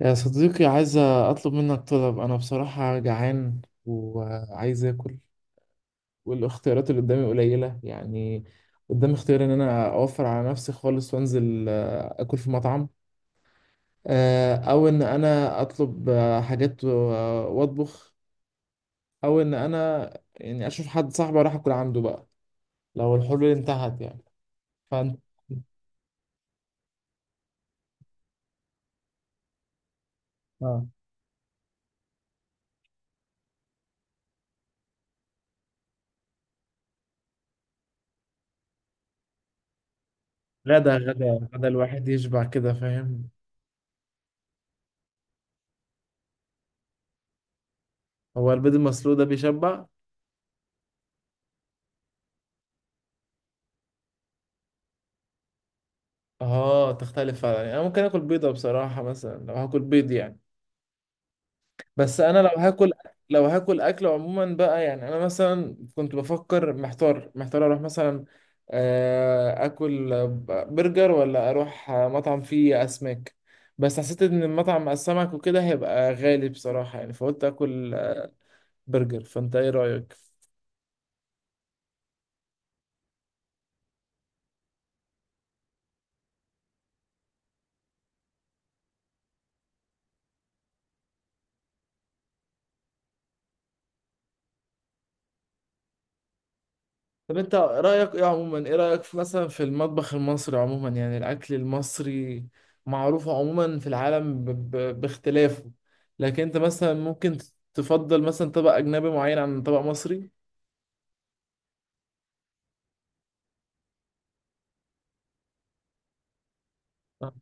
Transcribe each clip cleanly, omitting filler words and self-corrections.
يا صديقي، عايز أطلب منك طلب. أنا بصراحة جعان وعايز آكل، والاختيارات اللي قدامي قليلة يعني. قدامي اختيار إن أنا أوفر على نفسي خالص وأنزل آكل في مطعم، أو إن أنا أطلب حاجات وأطبخ، أو إن أنا يعني أشوف حد صاحبي أروح آكل عنده بقى لو الحلول انتهت يعني. فأنت آه غدا غدا غدا الواحد يشبع كده، فاهم؟ هو البيض المسلوق ده بيشبع؟ اه، تختلف فعلا يعني. انا ممكن اكل بيضة بصراحة مثلا لو هاكل بيض يعني. بس انا لو هاكل، لو هاكل اكل عموما بقى يعني، انا مثلا كنت بفكر محتار اروح مثلا اكل برجر ولا اروح مطعم فيه اسماك، بس حسيت ان المطعم مع السمك وكده هيبقى غالي بصراحة يعني، فقلت اكل برجر. فانت ايه رأيك؟ طب انت رأيك ايه عموما، ايه رأيك في مثلا في المطبخ المصري عموما، يعني الأكل المصري معروف عموما في العالم باختلافه، لكن انت مثلا ممكن تفضل مثلا طبق أجنبي معين عن طبق مصري؟ آه.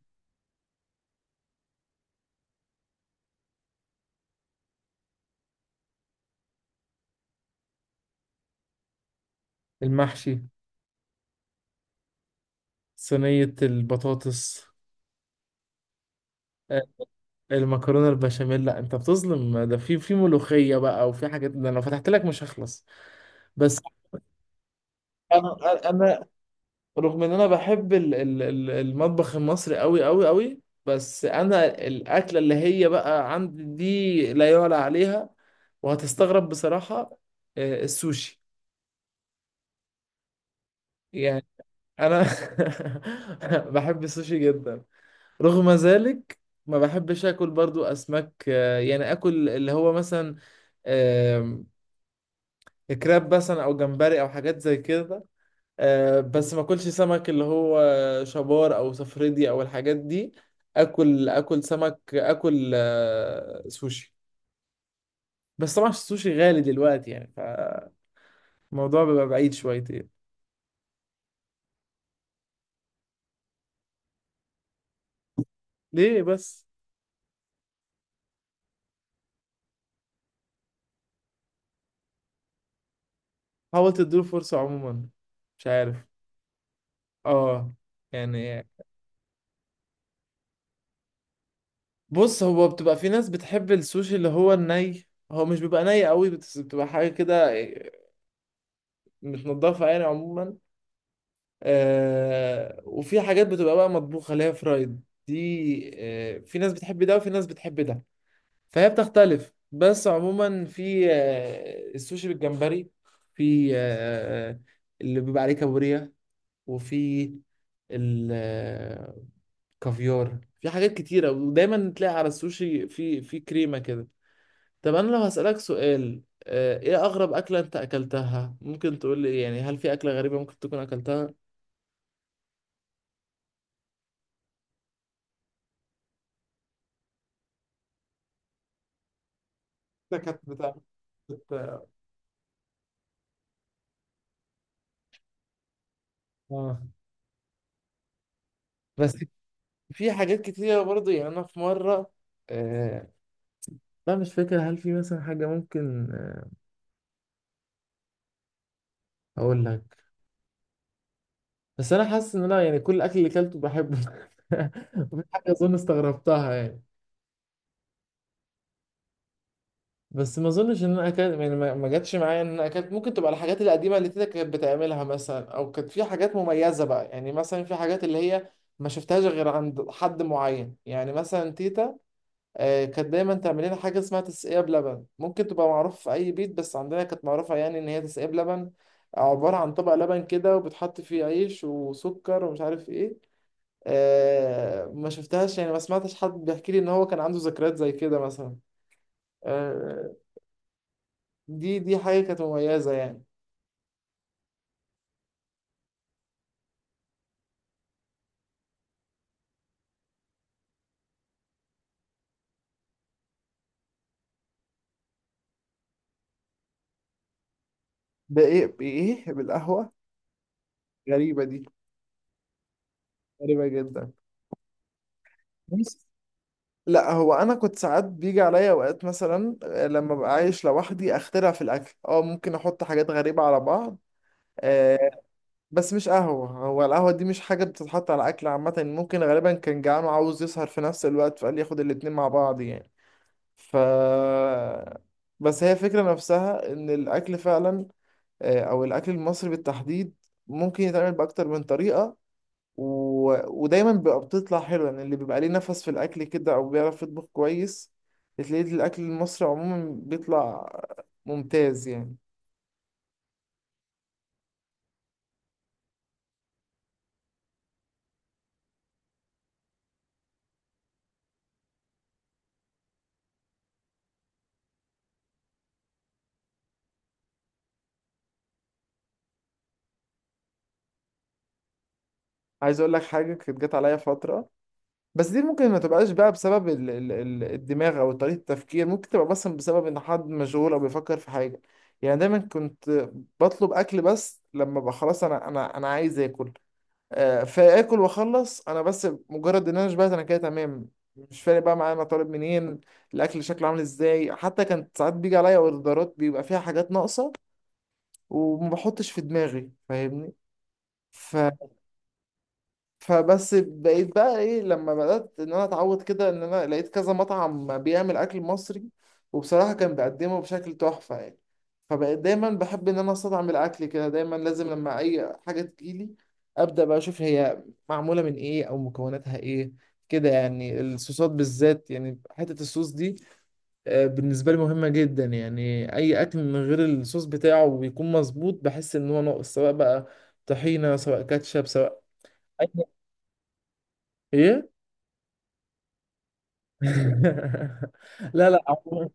المحشي، صينية البطاطس، آه، المكرونة البشاميل. لا انت بتظلم، ده في في ملوخية بقى وفي حاجات، ده انا لو فتحت لك مش هخلص. بس انا، انا رغم ان انا بحب المطبخ المصري قوي قوي قوي، بس انا الاكله اللي هي بقى عندي دي لا يعلى عليها، وهتستغرب بصراحه، السوشي يعني. انا بحب السوشي جدا. رغم ذلك ما بحبش اكل برضو اسماك يعني اكل اللي هو مثلا آم، كراب مثلا او جمبري او حاجات زي كده. بس ما اكلش سمك اللي هو شبار او صفردي او الحاجات دي. اكل، اكل سمك، اكل سوشي. بس طبعا السوشي غالي دلوقتي يعني، فالموضوع بيبقى بعيد شويتين. ليه بس؟ حاول تديله فرصة عموما، مش عارف. اه يعني. بص، هو بتبقى في ناس بتحب السوشي اللي هو الني، هو مش بيبقى ني قوي بس بتبقى حاجة كده متنضفة يعني عموما. آه، وفي حاجات بتبقى بقى مطبوخة اللي هي فرايد، دي آه في ناس بتحب ده وفي ناس بتحب ده، فهي بتختلف. بس عموما في آه السوشي بالجمبري، في آه اللي بيبقى عليه كابوريا، وفي الكافيار، في حاجات كتيرة. ودايما تلاقي على السوشي في كريمة كده. طب انا لو هسألك سؤال، ايه اغرب اكلة انت اكلتها؟ ممكن تقول لي يعني هل في اكلة غريبة ممكن تكون اكلتها؟ ده كانت بتاع، كنت، اه. بس في حاجات كتيرة برضه يعني. أنا في مرة آه لا مش فاكر. هل في مثلا حاجة ممكن أقول لك؟ بس أنا حاسس إن أنا يعني كل الأكل اللي أكلته بحبه وفي حاجة أظن استغربتها يعني. بس ما أظنش إن أنا أكلت يعني، ما جاتش معايا إن أنا أكلت. ممكن تبقى الحاجات القديمة اللي تيتا كانت بتعملها مثلا، أو كانت في حاجات مميزة بقى يعني. مثلا في حاجات اللي هي ما شفتهاش غير عند حد معين يعني، مثلا تيتا كانت دايما تعمل لنا حاجه اسمها تسقيه بلبن. ممكن تبقى معروفه في اي بيت، بس عندنا كانت معروفه يعني. ان هي تسقيه بلبن، عباره عن طبق لبن كده وبتحط فيه عيش وسكر ومش عارف ايه. ما شفتهاش يعني، ما سمعتش حد بيحكي لي ان هو كان عنده ذكريات زي كده مثلا. آه، دي حاجه كانت مميزه يعني. ده ايه، بايه، بالقهوه؟ غريبه دي، غريبه جدا. لا هو انا كنت ساعات بيجي عليا اوقات مثلا لما ببقى عايش لوحدي اخترع في الاكل، اه ممكن احط حاجات غريبه على بعض آه، بس مش قهوه. هو القهوه دي مش حاجه بتتحط على اكل عامه. ممكن غالبا كان جعان وعاوز يسهر في نفس الوقت فقال ياخد الاتنين مع بعض يعني. ف بس هي الفكره نفسها، ان الاكل فعلا او الاكل المصري بالتحديد ممكن يتعمل باكتر من طريقه، و... ودايما بيبقى بتطلع حلوة يعني. اللي بيبقى ليه نفس في الأكل كده أو بيعرف يطبخ كويس، بتلاقي الأكل المصري عموما بيطلع ممتاز يعني. عايز أقول لك حاجة، كانت جت عليا فترة، بس دي ممكن ما تبقاش بقى بسبب الدماغ أو طريقة التفكير، ممكن تبقى مثلا بسبب إن حد مشغول أو بيفكر في حاجة. يعني دايما كنت بطلب أكل، بس لما بقى خلاص أنا عايز آكل، فاكل واخلص انا. بس مجرد ان انا شبعت انا كده تمام، مش فارق بقى معايا انا طالب منين، الاكل شكله عامل ازاي. حتى كانت ساعات بيجي عليا اوردرات بيبقى فيها حاجات ناقصه وما بحطش في دماغي، فاهمني؟ ف فبس بقيت بقى ايه، لما بدأت ان انا اتعود كده، ان انا لقيت كذا مطعم بيعمل اكل مصري وبصراحة كان بيقدمه بشكل تحفة يعني، فبقيت دايما بحب ان انا استطعم الاكل كده. دايما لازم لما اي حاجة تجيلي ابدأ بقى اشوف هي معمولة من ايه او مكوناتها ايه، كده يعني. الصوصات بالذات يعني، حتة الصوص دي بالنسبة لي مهمة جدا يعني. اي اكل من غير الصوص بتاعه بيكون مظبوط، بحس ان هو ناقص، سواء بقى طحينة سواء كاتشب سواء أي- ايه. لا لا عموماً-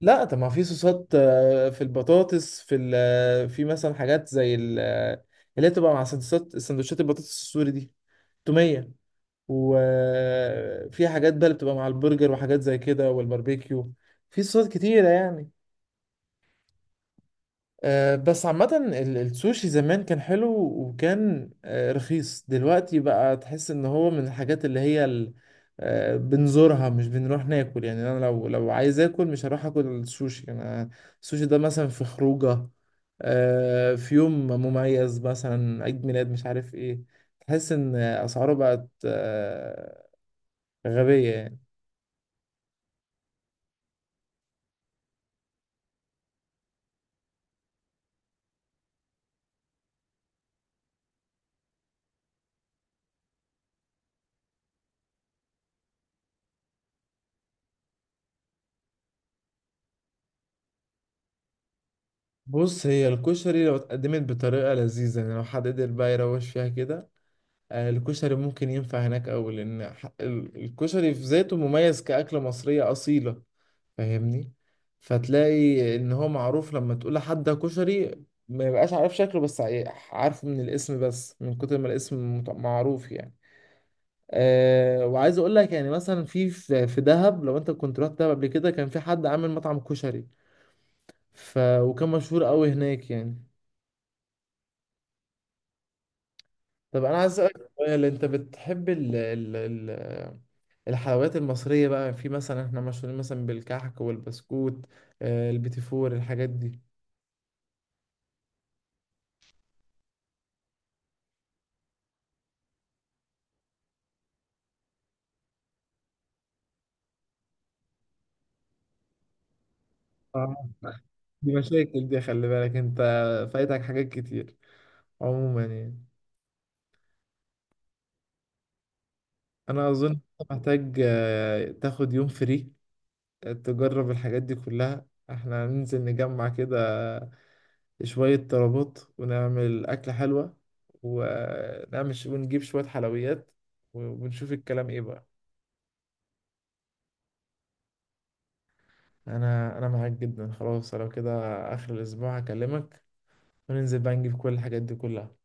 لا طب ما في صوصات، في البطاطس، في ال... آه، في مثلا حاجات زي ال... آه، اللي هي بتبقى مع سندوتشات، سندوتشات البطاطس السوري دي، تومية. وفي حاجات بقى اللي بتبقى مع البرجر وحاجات زي كده والباربيكيو، في صوصات كتيرة يعني. بس عامة السوشي زمان كان حلو وكان رخيص، دلوقتي بقى تحس ان هو من الحاجات اللي هي بنزورها مش بنروح ناكل يعني. انا لو عايز اكل مش هروح اكل السوشي انا. السوشي ده مثلا في خروجه في يوم مميز مثلا، عيد ميلاد مش عارف ايه، تحس ان اسعاره بقت غبية يعني. بص، هي الكشري لو اتقدمت بطريقة لذيذة يعني، لو حد قدر بقى يروش فيها كده الكشري ممكن ينفع هناك أوي، لأن الكشري في ذاته مميز كأكلة مصرية أصيلة، فاهمني؟ فتلاقي إن هو معروف، لما تقول لحد ده كشري ما يبقاش عارف شكله، بس عارفه من الاسم، بس من كتر ما الاسم معروف يعني. أه، وعايز أقول لك يعني، مثلا في في في دهب، لو أنت كنت رحت دهب قبل كده، كان في حد عامل مطعم كشري وكان مشهور أوي هناك يعني. طب أنا عايز أسألك سؤال، أنت بتحب ال ال ال الحلويات المصرية بقى؟ في مثلا احنا مشهورين مثلا بالكحك والبسكوت، البيتي فور، الحاجات دي. آه. دي مشاكل دي، خلي بالك انت، فايتك حاجات كتير عموما يعني. انا اظن انت محتاج تاخد يوم فري، تجرب الحاجات دي كلها. احنا هننزل نجمع كده شوية طلبات ونعمل أكلة حلوة، ونعمل ونجيب شوية حلويات، ونشوف الكلام ايه بقى. انا معاك جدا، خلاص لو كده اخر الاسبوع هكلمك وننزل بقى نجيب كل الحاجات دي كلها.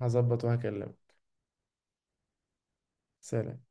هظبط وهكلمك. سلام.